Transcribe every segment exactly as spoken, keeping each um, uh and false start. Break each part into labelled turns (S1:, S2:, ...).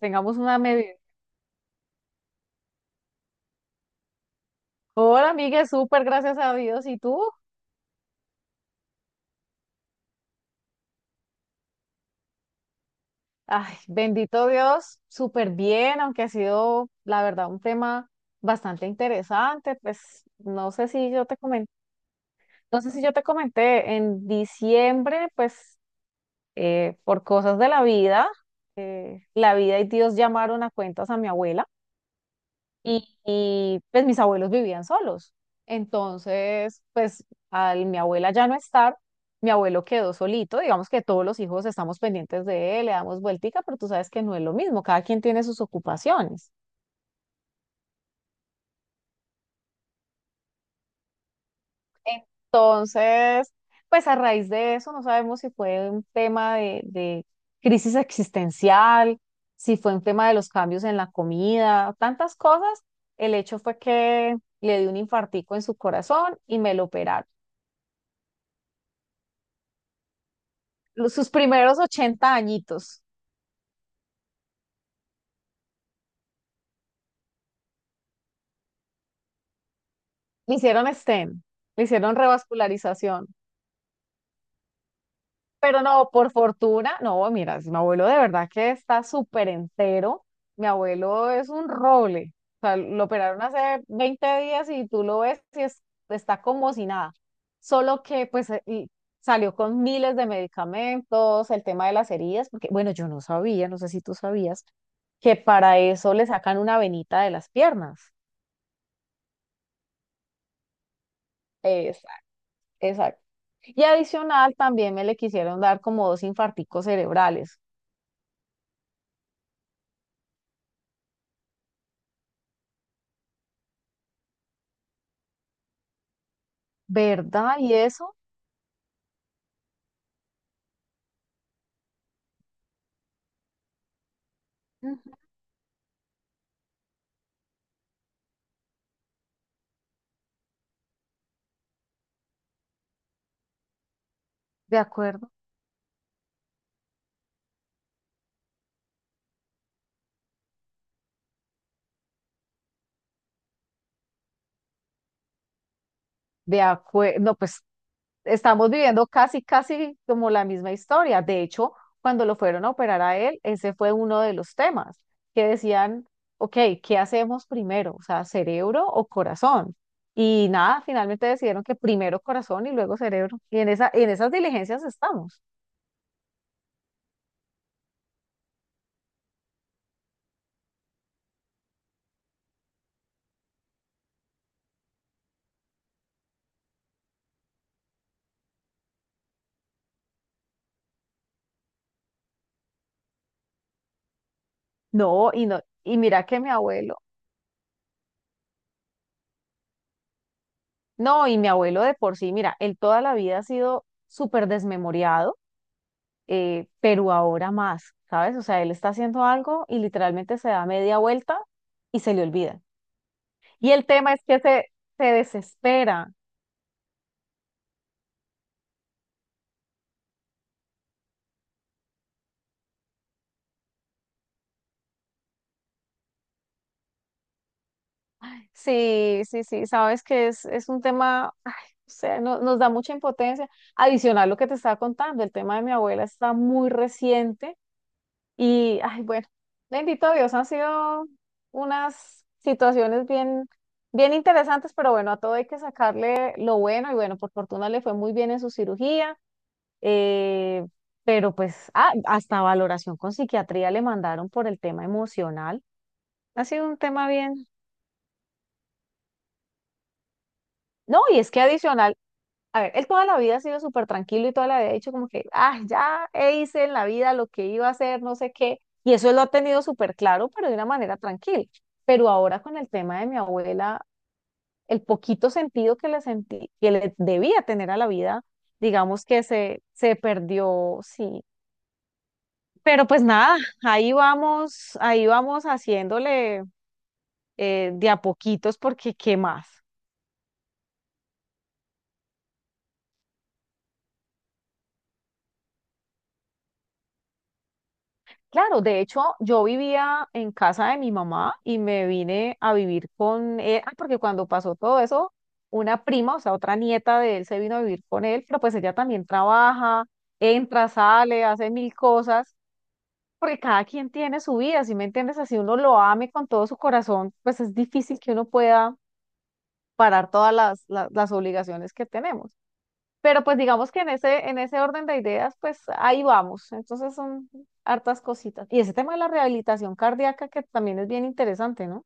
S1: Tengamos una medida. Hola, amiga, súper gracias a Dios. ¿Y tú? Ay, bendito Dios, súper bien, aunque ha sido, la verdad, un tema bastante interesante. Pues no sé si yo te comenté, no sé si yo te comenté, en diciembre, pues eh, por cosas de la vida, eh, la vida y Dios llamaron a cuentas a mi abuela. y, y, pues mis abuelos vivían solos. Entonces, pues al mi abuela ya no estar, mi abuelo quedó solito. Digamos que todos los hijos estamos pendientes de él, le damos vueltica, pero tú sabes que no es lo mismo, cada quien tiene sus ocupaciones. Entonces, pues a raíz de eso, no sabemos si fue un tema de, de crisis existencial, si fue un tema de los cambios en la comida, tantas cosas. El hecho fue que le dio un infartico en su corazón y me lo operaron. Los- sus primeros ochenta añitos. Le hicieron stem, le hicieron revascularización. Pero no, por fortuna, no, mira, mi abuelo de verdad que está súper entero. Mi abuelo es un roble. O sea, lo operaron hace veinte días y tú lo ves y es- está como si nada. Solo que pues eh, y salió con miles de medicamentos, el tema de las heridas, porque bueno, yo no sabía, no sé si tú sabías, que para eso le sacan una venita de las piernas. Exacto. Y adicional también me le quisieron dar como dos infarticos cerebrales. ¿Verdad? ¿Y eso? Ujú. De acuerdo. De acuerdo. No, pues estamos viviendo casi, casi como la misma historia. De hecho, cuando lo fueron a operar a él, ese fue uno de los temas que decían, ok, ¿qué hacemos primero? O sea, ¿cerebro o corazón? Y nada, finalmente decidieron que primero corazón y luego cerebro. Y en esa, en esas diligencias estamos. No, y no, y mira que mi abuelo No, y mi abuelo de por sí, mira, él toda la vida ha sido súper desmemoriado, eh, pero ahora más, ¿sabes? O sea, él está haciendo algo y literalmente se da media vuelta y se le olvida. Y el tema es que se, se desespera. Sí, sí, sí, sabes que es, es un tema, ay, o sea, no- nos da mucha impotencia. Adicional lo que te estaba contando, el tema de mi abuela está muy reciente. Y, ay, bueno, bendito Dios, han sido unas situaciones bien, bien interesantes, pero bueno, a todo hay que sacarle lo bueno y bueno, por fortuna le fue muy bien en su cirugía, eh, pero pues ah, hasta valoración con psiquiatría le mandaron por el tema emocional. Ha sido un tema bien. No, y es que adicional, a ver, él toda la vida ha sido súper tranquilo y toda la vida ha dicho como que, ah, ya e hice en la vida lo que iba a hacer, no sé qué. Y eso él lo ha tenido súper claro, pero de una manera tranquila. Pero ahora con el tema de mi abuela, el poquito sentido que le sentí, que le debía tener a la vida, digamos que se, se perdió, sí. Pero pues nada, ahí vamos, ahí vamos haciéndole, eh, de a poquitos porque ¿qué más? Claro, de hecho, yo vivía en casa de mi mamá y me vine a vivir con él, ah, porque cuando pasó todo eso, una prima, o sea, otra nieta de él se vino a vivir con él, pero pues ella también trabaja, entra, sale, hace mil cosas, porque cada quien tiene su vida, ¿sí me entiendes? Así uno lo ame con todo su corazón, pues es difícil que uno pueda parar todas las, las las obligaciones que tenemos. Pero pues digamos que en ese, en ese orden de ideas, pues ahí vamos. Entonces son hartas cositas. Y ese tema de la rehabilitación cardíaca que también es bien interesante, ¿no?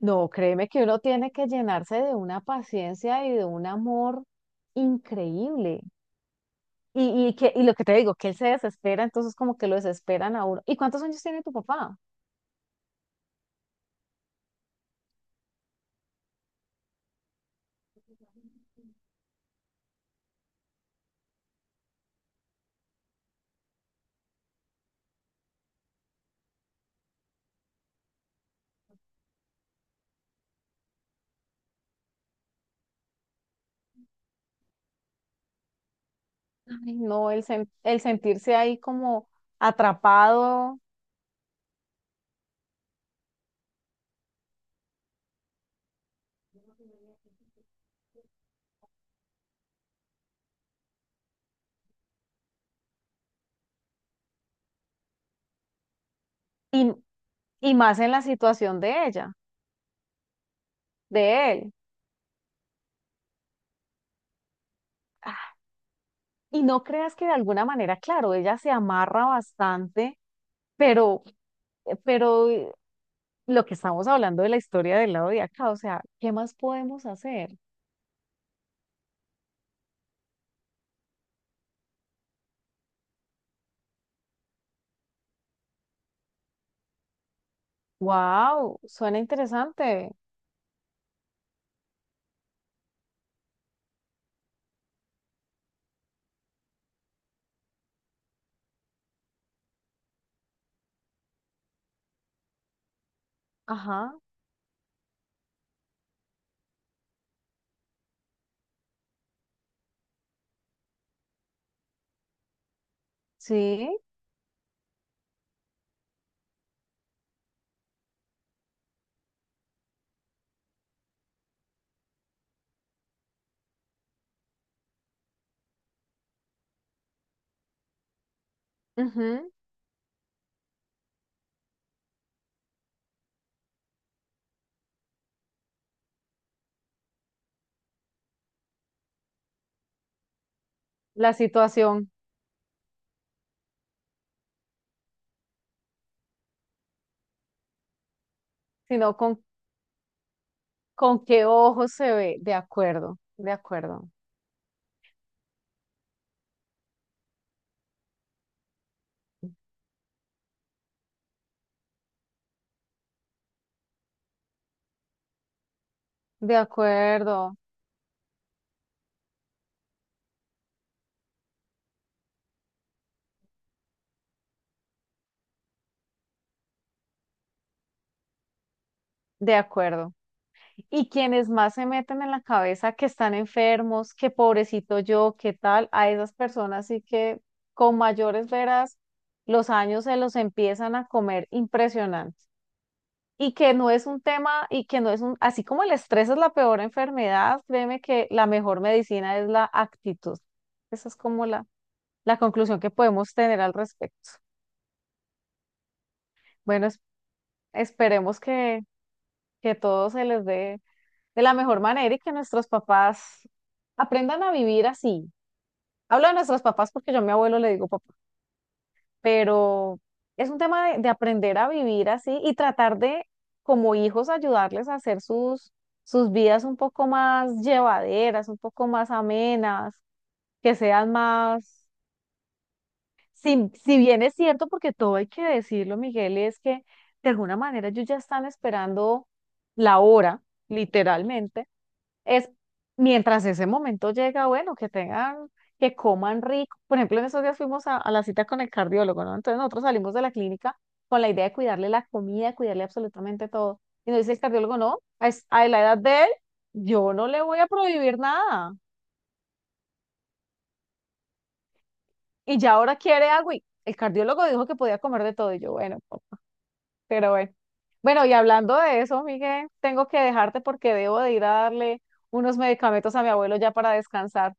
S1: No, créeme que uno tiene que llenarse de una paciencia y de un amor increíble. Y, y, que, y lo que te digo, que él se desespera, entonces como que lo desesperan a uno. ¿Y cuántos años tiene tu papá? Ay, no, el, sen- el sentirse ahí como atrapado y, y más en la situación de ella, de él. Y no creas que de alguna manera, claro, ella se amarra bastante, pero, eh, pero eh, lo que estamos hablando de la historia del lado de acá, o sea, ¿qué más podemos hacer? Wow, suena interesante. Ajá, sí, ujú, la situación, sino con, con qué ojos se ve. De acuerdo, de acuerdo, de acuerdo, de acuerdo. Y quienes más se meten en la cabeza que están enfermos, que pobrecito yo, qué tal, a esas personas sí que con mayores veras los años se los empiezan a comer impresionante. Y que no es un tema, y que no es un, así como el estrés es la peor enfermedad, créeme que la mejor medicina es la actitud. Esa es como la, la conclusión que podemos tener al respecto. Bueno, es- esperemos que, que todo se les dé de la mejor manera y que nuestros papás aprendan a vivir así. Hablo de nuestros papás porque yo a mi abuelo le digo papá, pero es un tema de, de aprender a vivir así y tratar de, como hijos, ayudarles a hacer sus, sus vidas un poco más llevaderas, un poco más amenas, que sean más... Si, si bien es cierto, porque todo hay que decirlo, Miguel, es que de alguna manera ellos ya están esperando la hora, literalmente es mientras ese momento llega. Bueno, que tengan, que coman rico. Por ejemplo, en esos días fuimos a, a la cita con el cardiólogo, ¿no? Entonces nosotros salimos de la clínica con la idea de cuidarle la comida, cuidarle absolutamente todo. Y nos dice el cardiólogo, no, a, es- a la edad de él, yo no le voy a prohibir nada. Y ya ahora quiere agua. Y el cardiólogo dijo que podía comer de todo. Y yo, bueno, pero bueno. Bueno, y hablando de eso, Miguel, tengo que dejarte porque debo de ir a darle unos medicamentos a mi abuelo ya para descansar.